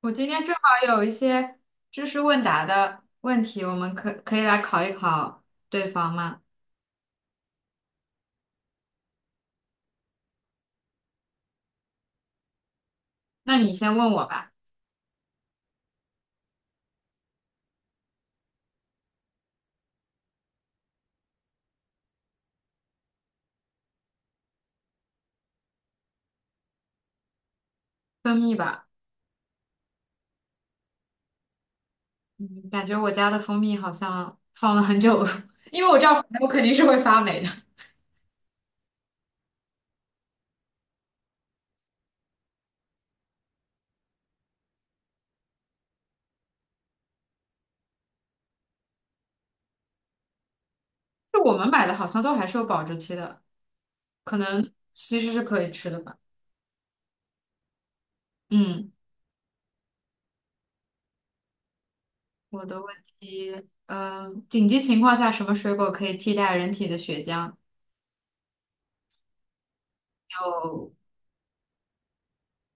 我今天正好有一些知识问答的问题，我们可以来考一考对方吗？那你先问我吧。蜂蜜吧。嗯，感觉我家的蜂蜜好像放了很久，因为我知道反正我肯定是会发霉的。就我们买的好像都还是有保质期的，可能其实是可以吃的吧。嗯，我的问题，紧急情况下什么水果可以替代人体的血浆？有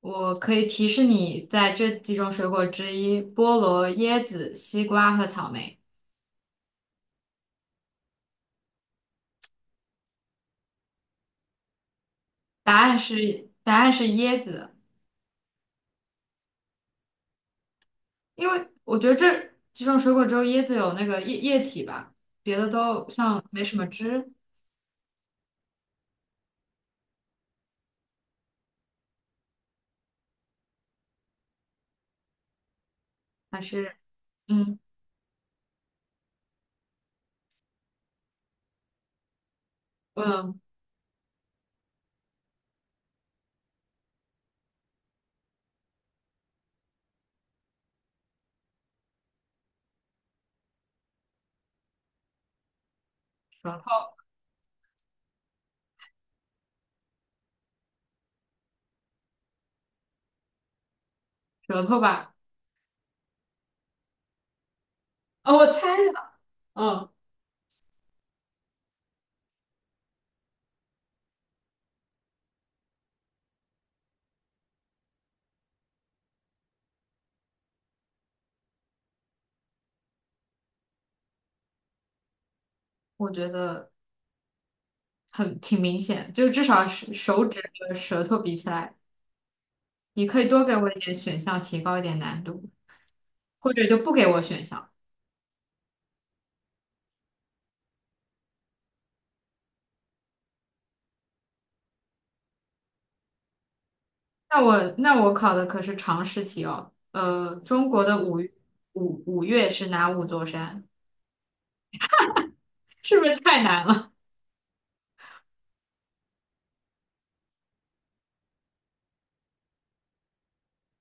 我可以提示你，在这几种水果之一，菠萝、椰子、西瓜和草莓。答案是椰子，因为我觉得这几种水果只有椰子有那个液体吧，别的都像没什么汁。还是嗯嗯，舌头舌头吧。哦，我猜的。嗯，我觉得挺明显，就至少是手指和舌头比起来，你可以多给我一点选项，提高一点难度，或者就不给我选项。那我考的可是常识题哦。中国的五岳是哪五座山？是不是太难了？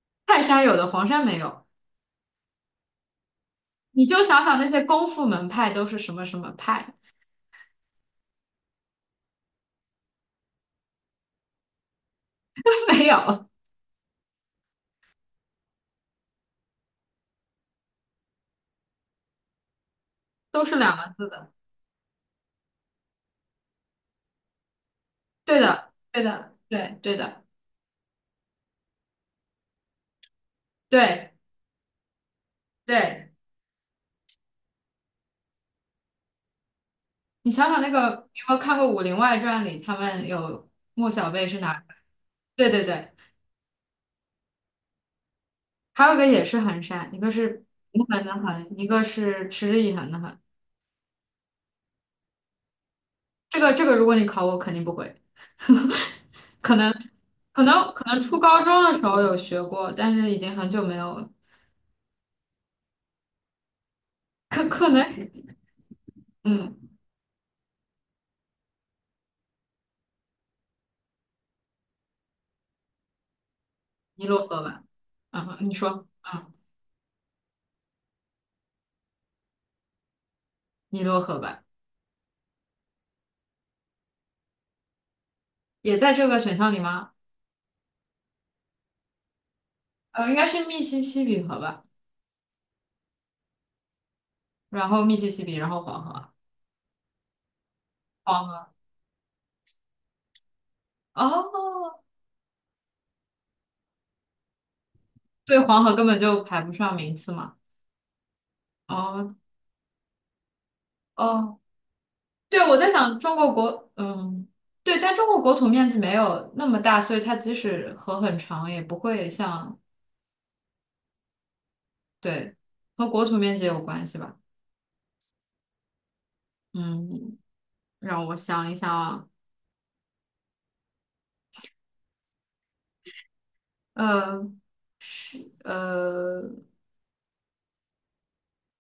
泰山有的，黄山没有。你就想想那些功夫门派都是什么什么派，没有，都是两个字的。对的，对的，对，对的，对对。你想想那个，你有没有看过《武林外传》里他们有莫小贝是哪儿？对对对，还有一个也是衡山，一个是平衡的衡，一个是持之以恒的恒。这个，如果你考我，肯定不会。可能可能初高中的时候有学过，但是已经很久没有了。可可能嗯，尼罗河吧。你说，尼罗河吧，也在这个选项里吗？应该是密西西比河吧，然后密西西比，然后黄河，黄河。哦，对，黄河根本就排不上名次嘛。哦哦，对，我在想中国，对，但中国国土面积没有那么大，所以它即使河很长，也不会像，对，和国土面积有关系吧？嗯，让我想一想啊，呃呃，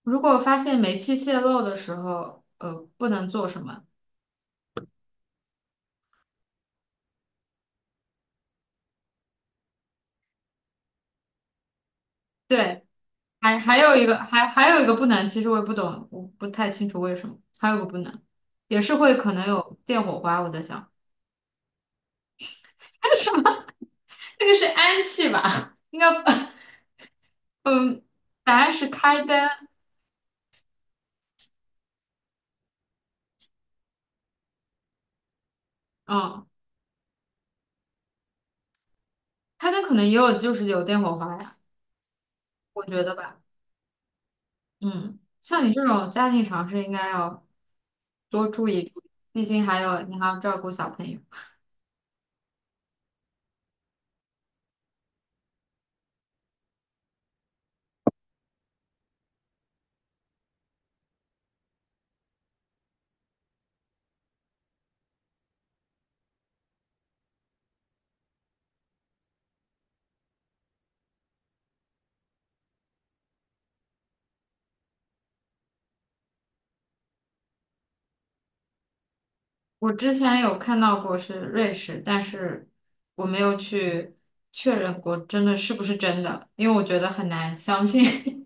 如果发现煤气泄漏的时候，不能做什么？对，还有一个，还有一个不能，其实我也不懂，我不太清楚为什么，还有一个不能，也是会可能有电火花，我在想，什么，那个是氨气吧？应该不。嗯，答案是开灯。嗯，开灯可能也有，就是有电火花呀，我觉得吧。嗯，像你这种家庭常识，应该要多注意注意，毕竟还有你还要照顾小朋友。我之前有看到过是瑞士，但是我没有去确认过真的是不是真的，因为我觉得很难相信。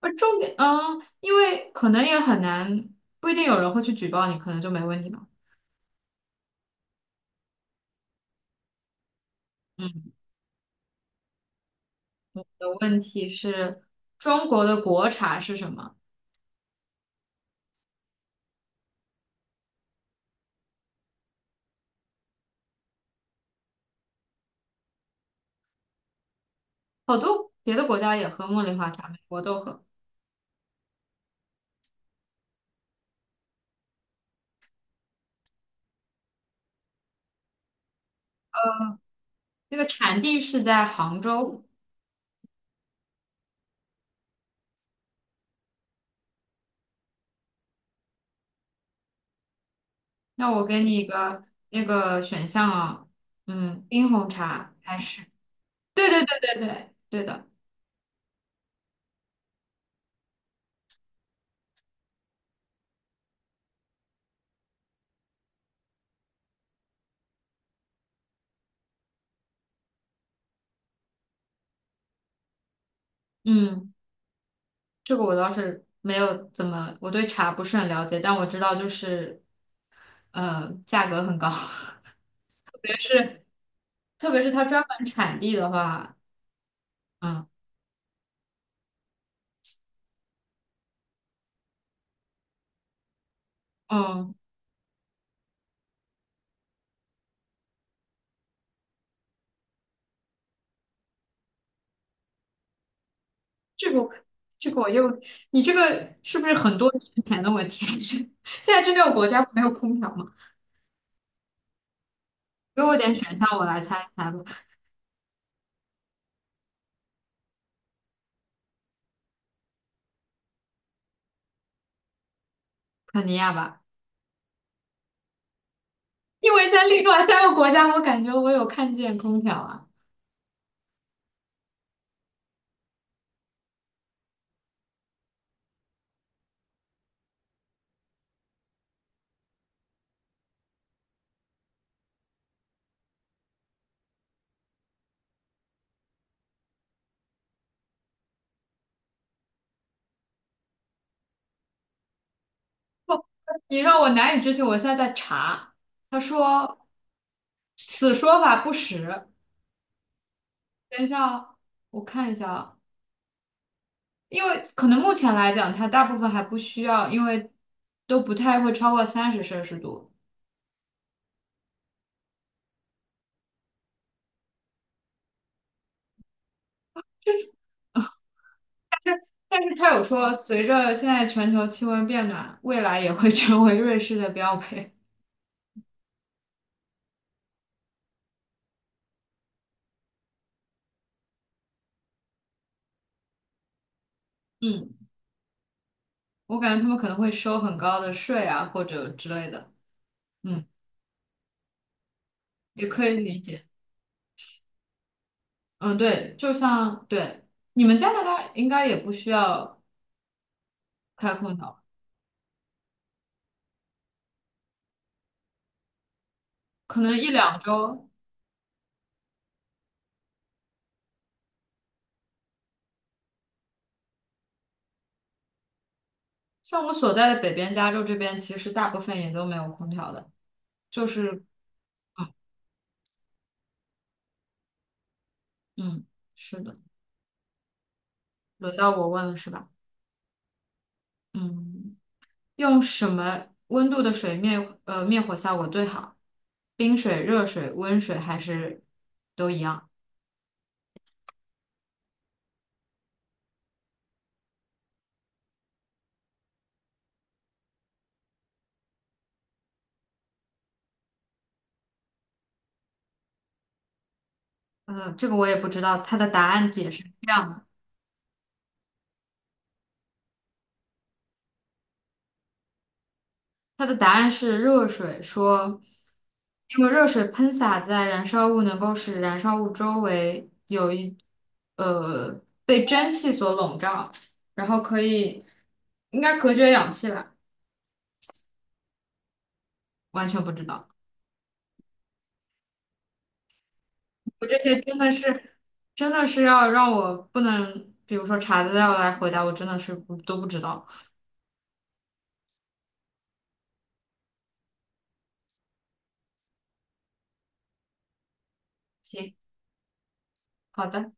而重点，因为可能也很难，不一定有人会去举报你，可能就没问题吧。嗯。的问题是，中国的国茶是什么？好多别的国家也喝茉莉花茶，美国都喝。那个产地是在杭州。那我给你一个那个选项啊，冰红茶还是？对对对对对对的。嗯，这个我倒是没有怎么，我对茶不是很了解，但我知道就是，价格很高，别是特别是它专门产地的话。嗯嗯。这个这个我又，你这个是不是很多年前的问题？是现在这六个国家没有空调吗？给我点选项，我来猜一猜吧。肯尼亚吧，因为在另外三个国家，我感觉我有看见空调啊。不，你让我难以置信。我现在在查，他说此说法不实。等一下哦，我看一下啊，因为可能目前来讲，它大部分还不需要，因为都不太会超过30摄氏度。但是他有说，随着现在全球气温变暖，未来也会成为瑞士的标配。嗯，我感觉他们可能会收很高的税啊，或者之类的。嗯，也可以理解。嗯，对，就像对你们加拿大应该也不需要开空调，可能一两周。像我所在的北边加州这边，其实大部分也都没有空调的，就是嗯嗯，是的。轮到我问了是吧？嗯。用什么温度的水灭灭火效果最好？冰水、热水、温水还是都一样？这个我也不知道。它的答案解释是这样的，它的答案是热水，说因为热水喷洒在燃烧物，能够使燃烧物周围呃被蒸汽所笼罩，然后可以应该隔绝氧气吧？完全不知道。我这些真的是，真的是要让我不能，比如说查资料来回答，我真的是不都不知道。行，好的。